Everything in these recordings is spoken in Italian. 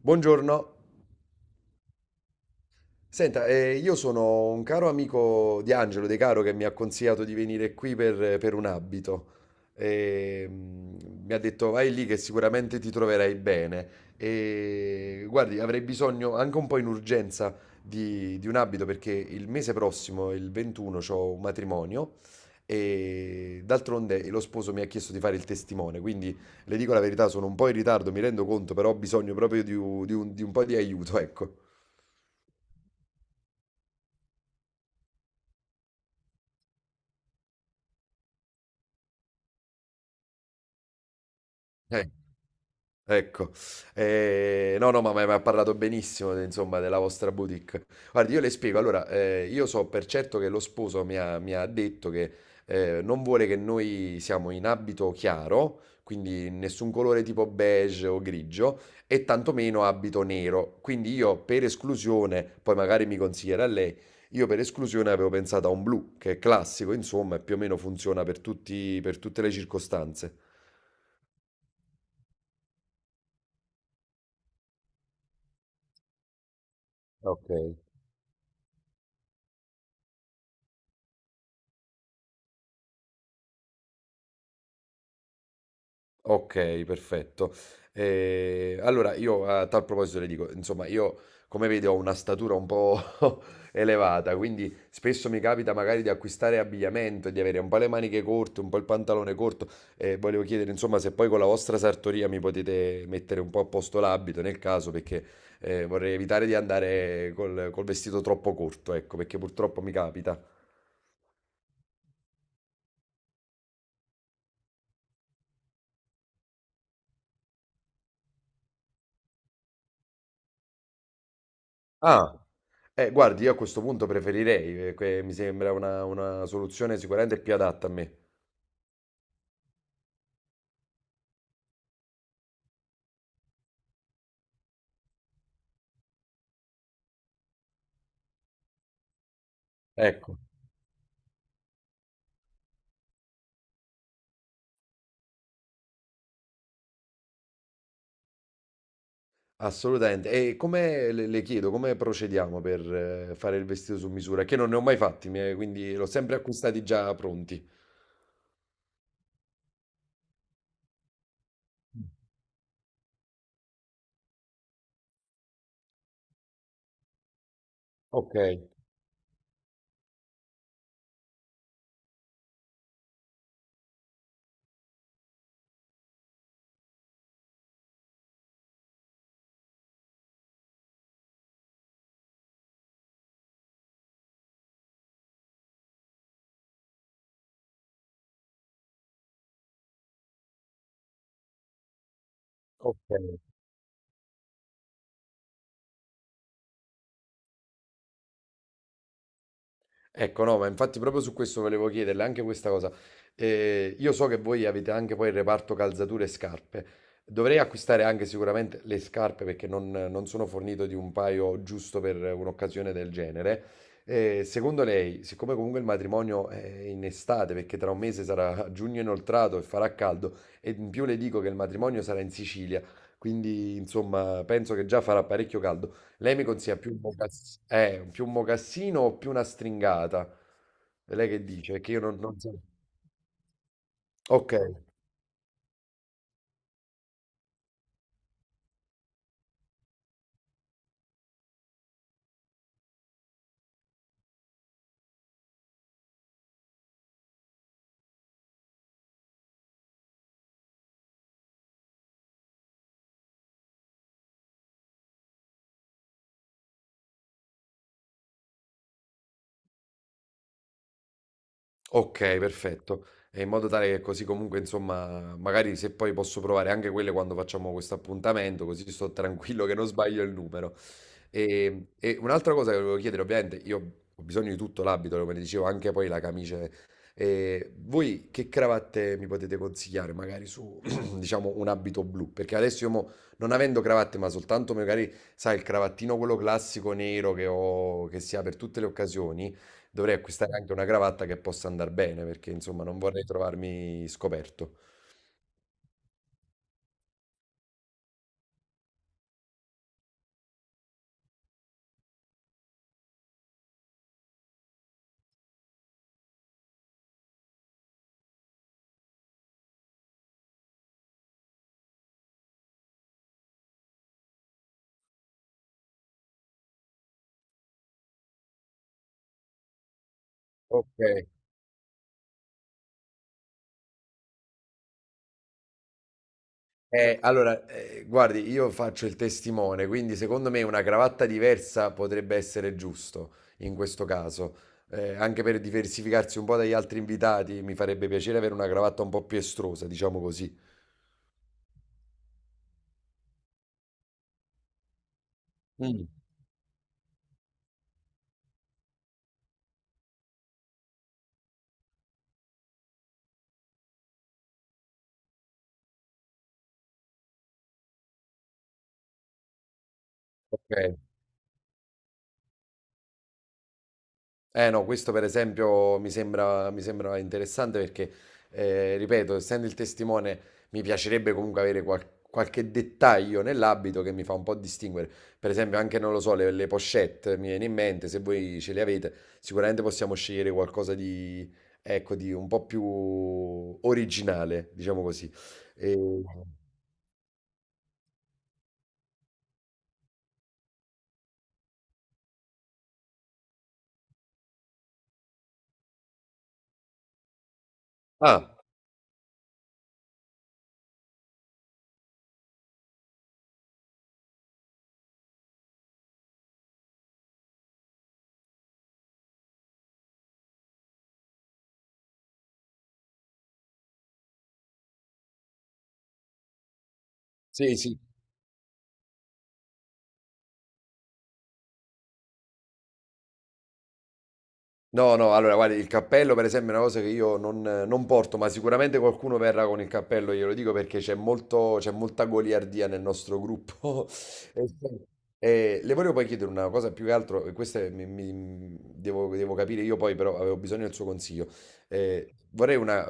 Buongiorno. Senta, io sono un caro amico di Angelo De Caro che mi ha consigliato di venire qui per un abito. E, mi ha detto vai lì che sicuramente ti troverai bene. E guardi, avrei bisogno anche un po' in urgenza di un abito perché il mese prossimo, il 21, ho un matrimonio e d'altronde lo sposo mi ha chiesto di fare il testimone, quindi le dico la verità, sono un po' in ritardo, mi rendo conto, però ho bisogno proprio di un po' di aiuto, ecco. Eh, ecco. No, no, ma m'ha parlato benissimo de insomma della vostra boutique. Guardi, io le spiego, allora, io so per certo che lo sposo mi ha detto che, non vuole che noi siamo in abito chiaro, quindi nessun colore tipo beige o grigio, e tantomeno abito nero. Quindi io per esclusione, poi magari mi consiglierà lei, io per esclusione avevo pensato a un blu, che è classico insomma e più o meno funziona per tutte le circostanze. Okay. Okay, perfetto. Allora io a tal proposito le dico, insomma io come vedi ho una statura un po' elevata, quindi spesso mi capita magari di acquistare abbigliamento e di avere un po' le maniche corte, un po' il pantalone corto e volevo chiedere insomma se poi con la vostra sartoria mi potete mettere un po' a posto l'abito nel caso perché, vorrei evitare di andare col vestito troppo corto, ecco, perché purtroppo mi capita. Ah! Guardi, io a questo punto preferirei, mi sembra una soluzione sicuramente più adatta a me. Ecco. Assolutamente. E come le chiedo, come procediamo per fare il vestito su misura? Che non ne ho mai fatti, quindi l'ho sempre acquistati già pronti. Ok, ok. Ecco, no, ma infatti proprio su questo volevo chiederle anche questa cosa. Io so che voi avete anche poi il reparto calzature e scarpe. Dovrei acquistare anche sicuramente le scarpe perché non sono fornito di un paio giusto per un'occasione del genere. Secondo lei, siccome comunque il matrimonio è in estate, perché tra un mese sarà giugno inoltrato e farà caldo, e in più le dico che il matrimonio sarà in Sicilia, quindi insomma penso che già farà parecchio caldo. Lei mi consiglia più un mocassino o più una stringata? Lei che dice? Che io non so. Ok. Okay, perfetto. E in modo tale che così comunque, insomma, magari se poi posso provare anche quelle quando facciamo questo appuntamento, così sto tranquillo che non sbaglio il numero. E un'altra cosa che volevo chiedere, ovviamente io ho bisogno di tutto l'abito, come dicevo, anche poi la camice. Voi che cravatte mi potete consigliare? Magari su, diciamo, un abito blu? Perché adesso io non avendo cravatte, ma soltanto magari, sai, il cravattino quello classico nero che ho che si ha per tutte le occasioni. Dovrei acquistare anche una cravatta che possa andar bene, perché insomma non vorrei trovarmi scoperto. Ok, allora, guardi, io faccio il testimone, quindi secondo me una cravatta diversa potrebbe essere giusto in questo caso. Anche per diversificarsi un po' dagli altri invitati, mi farebbe piacere avere una cravatta un po' più estrosa, diciamo così. Mm, ok. Eh no, questo per esempio mi sembra interessante perché, ripeto, essendo il testimone, mi piacerebbe comunque avere qualche dettaglio nell'abito che mi fa un po' distinguere. Per esempio, anche, non lo so, le pochette mi viene in mente, se voi ce le avete, sicuramente possiamo scegliere qualcosa di, ecco, di un po' più originale, diciamo così. E- Ah, sì, sì. No, no, allora guarda, il cappello per esempio è una cosa che io non porto, ma sicuramente qualcuno verrà con il cappello, glielo dico perché c'è molta goliardia nel nostro gruppo. E, sì, e le volevo poi chiedere una cosa più che altro, e questa devo capire io poi, però avevo bisogno del suo consiglio. Vorrei una,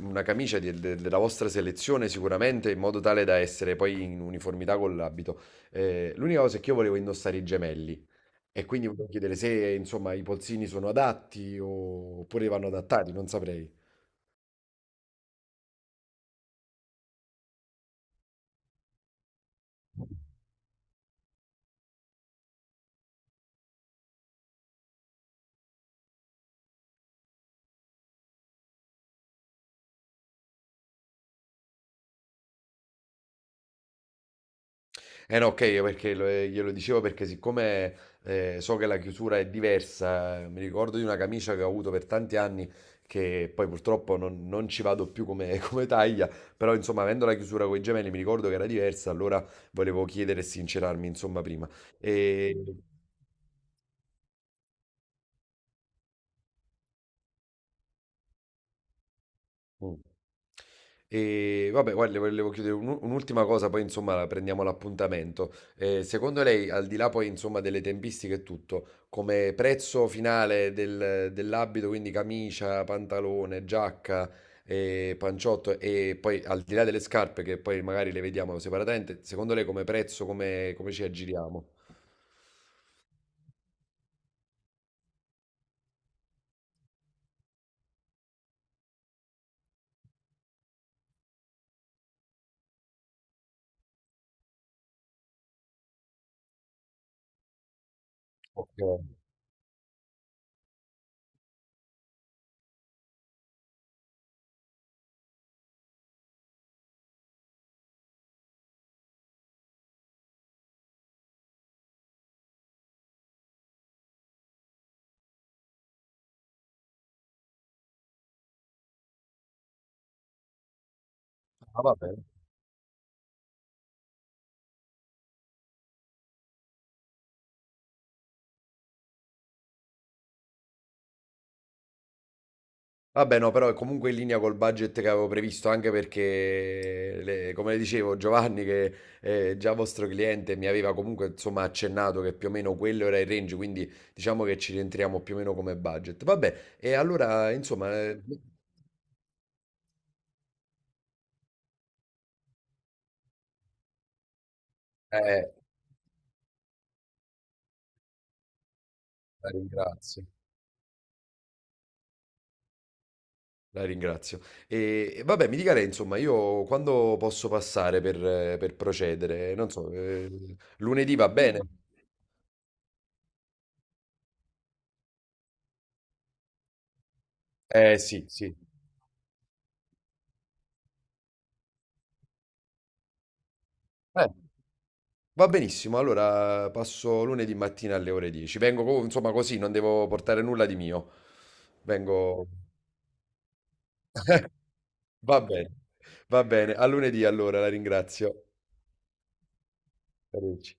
una camicia della vostra selezione sicuramente, in modo tale da essere poi in uniformità con l'abito. L'unica cosa è che io volevo indossare i gemelli. E quindi volevo chiedere se, insomma, i polsini sono adatti oppure vanno adattati, non saprei. Eh no, ok, perché glielo dicevo perché siccome so che la chiusura è diversa, mi ricordo di una camicia che ho avuto per tanti anni che poi purtroppo non ci vado più come, come taglia, però insomma, avendo la chiusura con i gemelli mi ricordo che era diversa, allora volevo chiedere e sincerarmi, insomma, prima. E... Mm. E vabbè, guarda, le volevo chiedere un'ultima cosa, poi insomma la prendiamo l'appuntamento. Secondo lei, al di là poi insomma delle tempistiche e tutto, come prezzo finale dell'abito, quindi camicia, pantalone, giacca, panciotto e poi al di là delle scarpe che poi magari le vediamo separatamente, secondo lei come prezzo, come ci aggiriamo? Ok, ah, vabbè. Vabbè, no, però è comunque in linea col budget che avevo previsto, anche perché, come le dicevo, Giovanni, che è già vostro cliente, mi aveva comunque, insomma, accennato che più o meno quello era il range, quindi diciamo che ci rientriamo più o meno come budget. Vabbè, e allora, insomma, eh, la ringrazio, la ringrazio. E vabbè, mi dica lei, insomma, io quando posso passare per procedere? Non so, lunedì va bene? Sì, sì. Eh. Va benissimo, allora passo lunedì mattina alle ore 10. Vengo, insomma, così, non devo portare nulla di mio. Vengo... Va bene, va bene. A lunedì allora, la ringrazio. Arrivederci.